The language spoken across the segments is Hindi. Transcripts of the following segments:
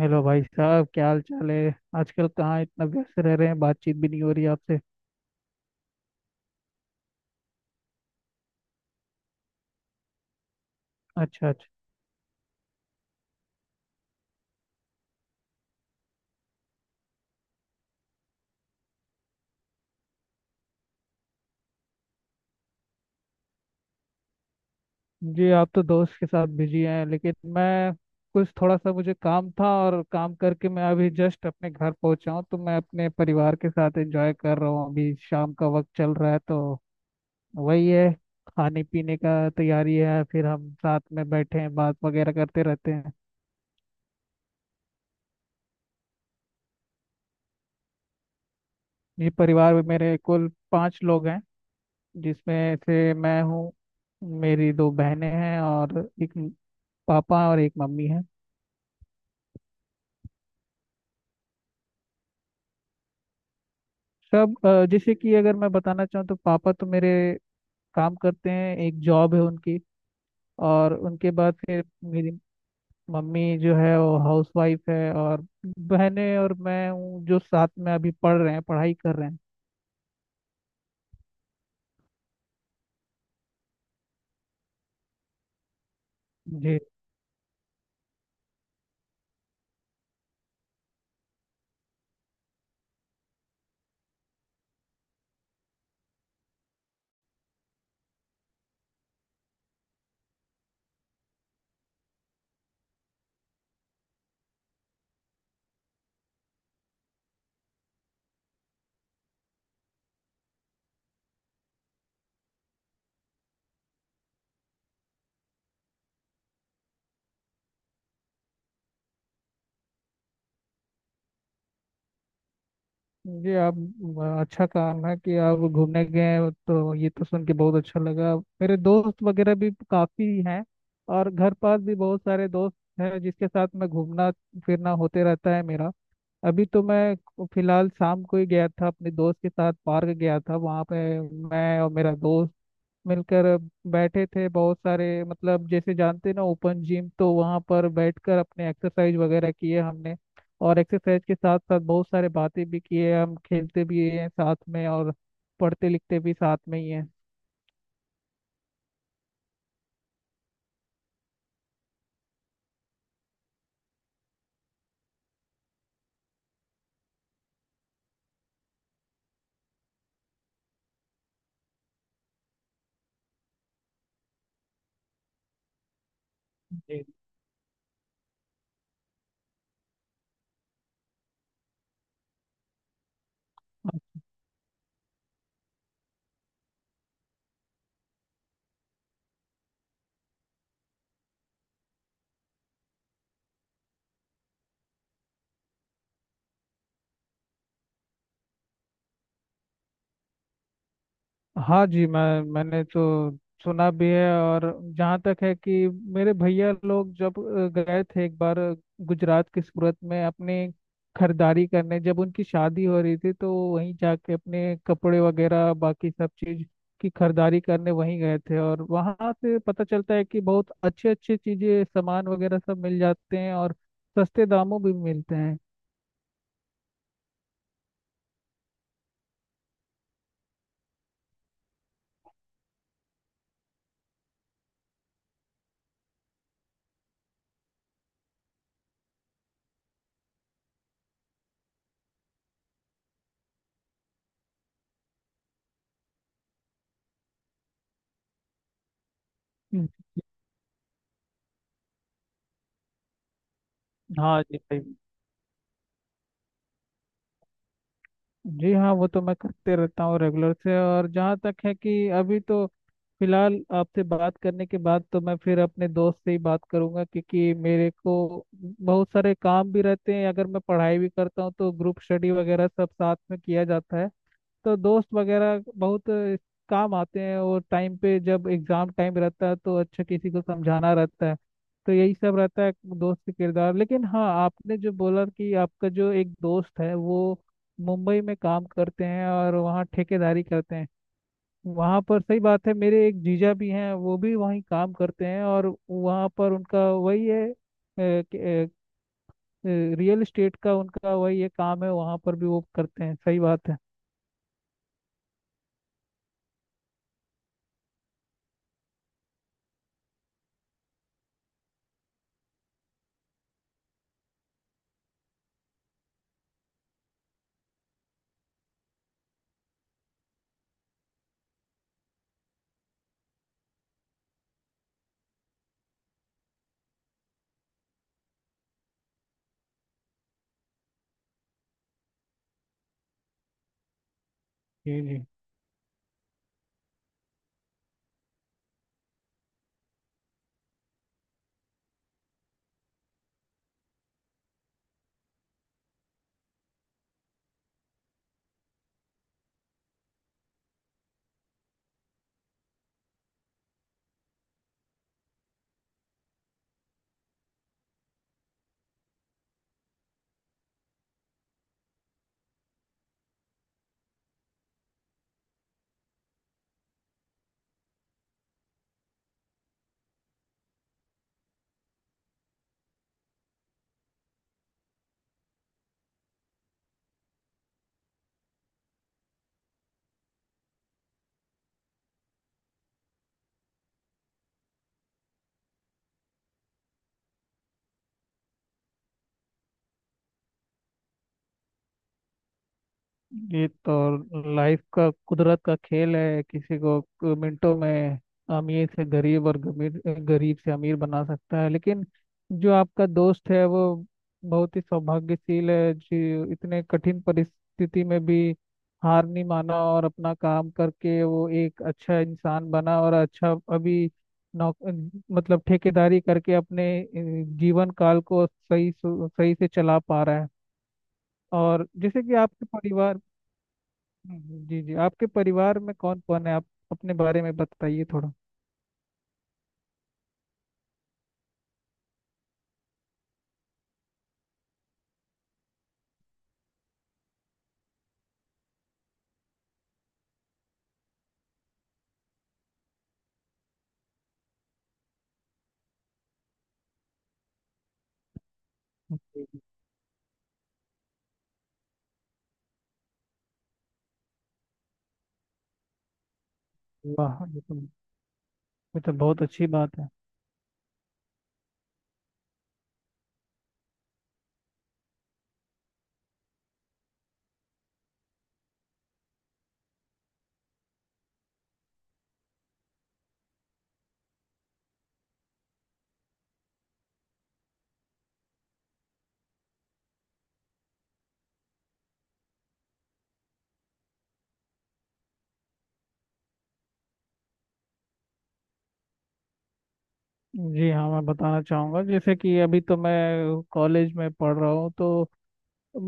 हेलो भाई साहब, क्या हाल चाल है। आजकल कहाँ इतना व्यस्त रह रहे हैं, बातचीत भी नहीं हो रही आपसे। अच्छा अच्छा। जी आप तो दोस्त के साथ बिजी हैं, लेकिन मैं कुछ थोड़ा सा मुझे काम था और काम करके मैं अभी जस्ट अपने घर पहुंचा हूँ। तो मैं अपने परिवार के साथ एंजॉय कर रहा हूँ। अभी शाम का वक्त चल रहा है तो वही है, खाने पीने का तैयारी है, फिर हम साथ में बैठे हैं बात वगैरह करते रहते हैं। जी परिवार में मेरे कुल 5 लोग हैं, जिसमें से मैं हूँ, मेरी 2 बहनें हैं और एक पापा और एक मम्मी है। सब जैसे कि अगर मैं बताना चाहूँ तो पापा तो मेरे काम करते हैं, एक जॉब है उनकी। और उनके बाद फिर मेरी मम्मी जो है वो हाउस वाइफ है। और बहनें और मैं हूँ जो साथ में अभी पढ़ रहे हैं, पढ़ाई कर रहे हैं। जी जी। आप अच्छा काम है कि आप घूमने गए हैं, तो ये तो सुन के बहुत अच्छा लगा। मेरे दोस्त वगैरह भी काफ़ी हैं और घर पास भी बहुत सारे दोस्त हैं जिसके साथ मैं घूमना फिरना होते रहता है मेरा। अभी तो मैं फिलहाल शाम को ही गया था अपने दोस्त के साथ, पार्क गया था। वहाँ पे मैं और मेरा दोस्त मिलकर अब बैठे थे। बहुत सारे मतलब जैसे जानते हैं ना ओपन जिम, तो वहाँ पर बैठकर अपने एक्सरसाइज वगैरह किए हमने। और एक्सरसाइज के साथ साथ बहुत सारे बातें भी किए। हम खेलते भी हैं साथ में और पढ़ते लिखते भी साथ में ही हैं। जी हाँ जी, मैंने तो सुना भी है। और जहाँ तक है कि मेरे भैया लोग जब गए थे एक बार गुजरात के सूरत में अपने खरीदारी करने, जब उनकी शादी हो रही थी, तो वहीं जाके अपने कपड़े वगैरह बाकी सब चीज़ की खरीदारी करने वहीं गए थे। और वहाँ से पता चलता है कि बहुत अच्छे अच्छे चीज़ें सामान वगैरह सब मिल जाते हैं और सस्ते दामों भी मिलते हैं। हम्म। हाँ जी भाई, जी हाँ वो तो मैं करते रहता हूँ रेगुलर से। और जहाँ तक है कि अभी तो फिलहाल आपसे बात करने के बाद तो मैं फिर अपने दोस्त से ही बात करूंगा, क्योंकि मेरे को बहुत सारे काम भी रहते हैं। अगर मैं पढ़ाई भी करता हूँ तो ग्रुप स्टडी वगैरह सब साथ में किया जाता है। तो दोस्त वगैरह बहुत काम आते हैं और टाइम पे जब एग्जाम टाइम रहता है तो अच्छा किसी को समझाना रहता है, तो यही सब रहता है दोस्त के किरदार। लेकिन हाँ, आपने जो बोला कि आपका जो एक दोस्त है वो मुंबई में काम करते हैं और वहाँ ठेकेदारी करते हैं, वहाँ पर सही बात है, मेरे एक जीजा भी हैं वो भी वहीं काम करते हैं। और वहाँ पर उनका वही है कि- अ, अ, रियल एस्टेट का उनका वही है काम है, वहाँ पर भी वो करते हैं, सही बात है। जी जी, ये तो लाइफ का कुदरत का खेल है, किसी को मिनटों में अमीर से गरीब और गमीर गरीब से अमीर बना सकता है। लेकिन जो आपका दोस्त है वो बहुत ही सौभाग्यशील है जी, इतने कठिन परिस्थिति में भी हार नहीं माना और अपना काम करके वो एक अच्छा इंसान बना। और अच्छा, अभी नौ मतलब ठेकेदारी करके अपने जीवन काल को सही सही से चला पा रहा है। और जैसे कि आपके परिवार। जी जी, आपके परिवार में कौन कौन है, आप अपने बारे में बताइए थोड़ा। जी, जी। जी, वाह, ये तो बहुत अच्छी बात है। जी हाँ, मैं बताना चाहूँगा, जैसे कि अभी तो मैं कॉलेज में पढ़ रहा हूँ, तो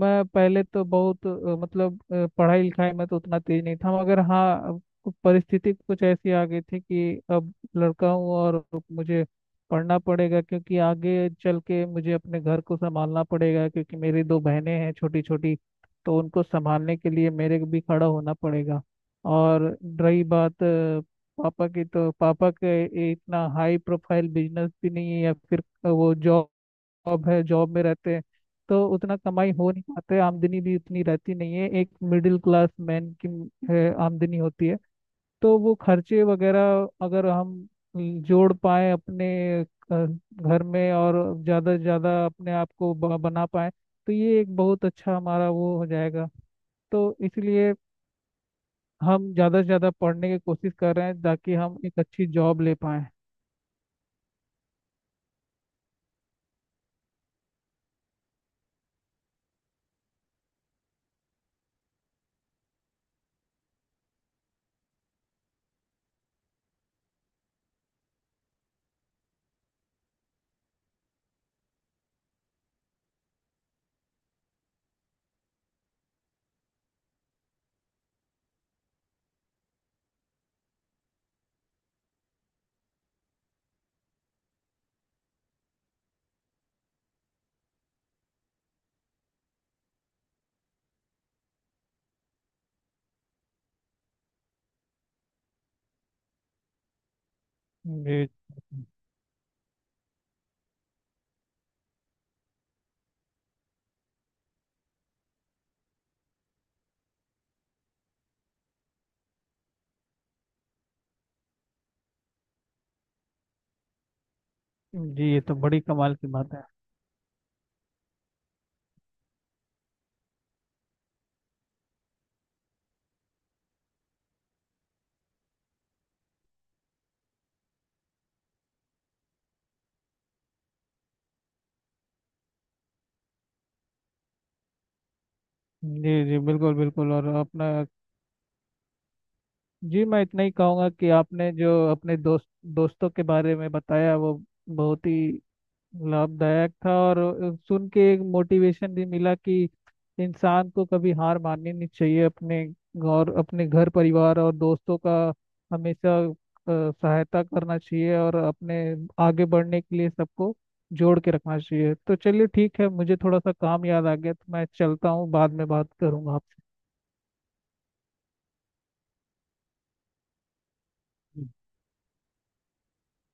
मैं पहले तो बहुत मतलब पढ़ाई लिखाई में तो उतना तेज नहीं था। मगर हाँ, अब परिस्थिति कुछ ऐसी आ गई थी कि अब लड़का हूँ और मुझे पढ़ना पड़ेगा, क्योंकि आगे चल के मुझे अपने घर को संभालना पड़ेगा, क्योंकि मेरी 2 बहनें हैं छोटी छोटी, तो उनको संभालने के लिए मेरे को भी खड़ा होना पड़ेगा। और रही बात पापा की, तो पापा के इतना हाई प्रोफाइल बिजनेस भी नहीं है, या फिर वो जॉब जॉब है, जॉब में रहते हैं। तो उतना कमाई हो नहीं पाते, आमदनी भी उतनी रहती नहीं है, एक मिडिल क्लास मैन की है, आमदनी होती है। तो वो खर्चे वगैरह अगर हम जोड़ पाए अपने अ, घर में और ज़्यादा से ज़्यादा अपने आप को बना पाए, तो ये एक बहुत अच्छा हमारा वो हो जाएगा। तो इसलिए हम ज़्यादा से ज़्यादा पढ़ने की कोशिश कर रहे हैं, ताकि हम एक अच्छी जॉब ले पाएँ। जी जी, ये तो बड़ी कमाल की बात है। जी जी बिल्कुल बिल्कुल। और अपना, जी मैं इतना ही कहूँगा कि आपने जो अपने दोस्तों के बारे में बताया वो बहुत ही लाभदायक था। और सुन के एक मोटिवेशन भी मिला कि इंसान को कभी हार माननी नहीं चाहिए। अपने और अपने घर परिवार और दोस्तों का हमेशा सहायता करना चाहिए और अपने आगे बढ़ने के लिए सबको जोड़ के रखना चाहिए। तो चलिए ठीक है, मुझे थोड़ा सा काम याद आ गया तो मैं चलता हूँ, बाद में बात करूँगा आपसे।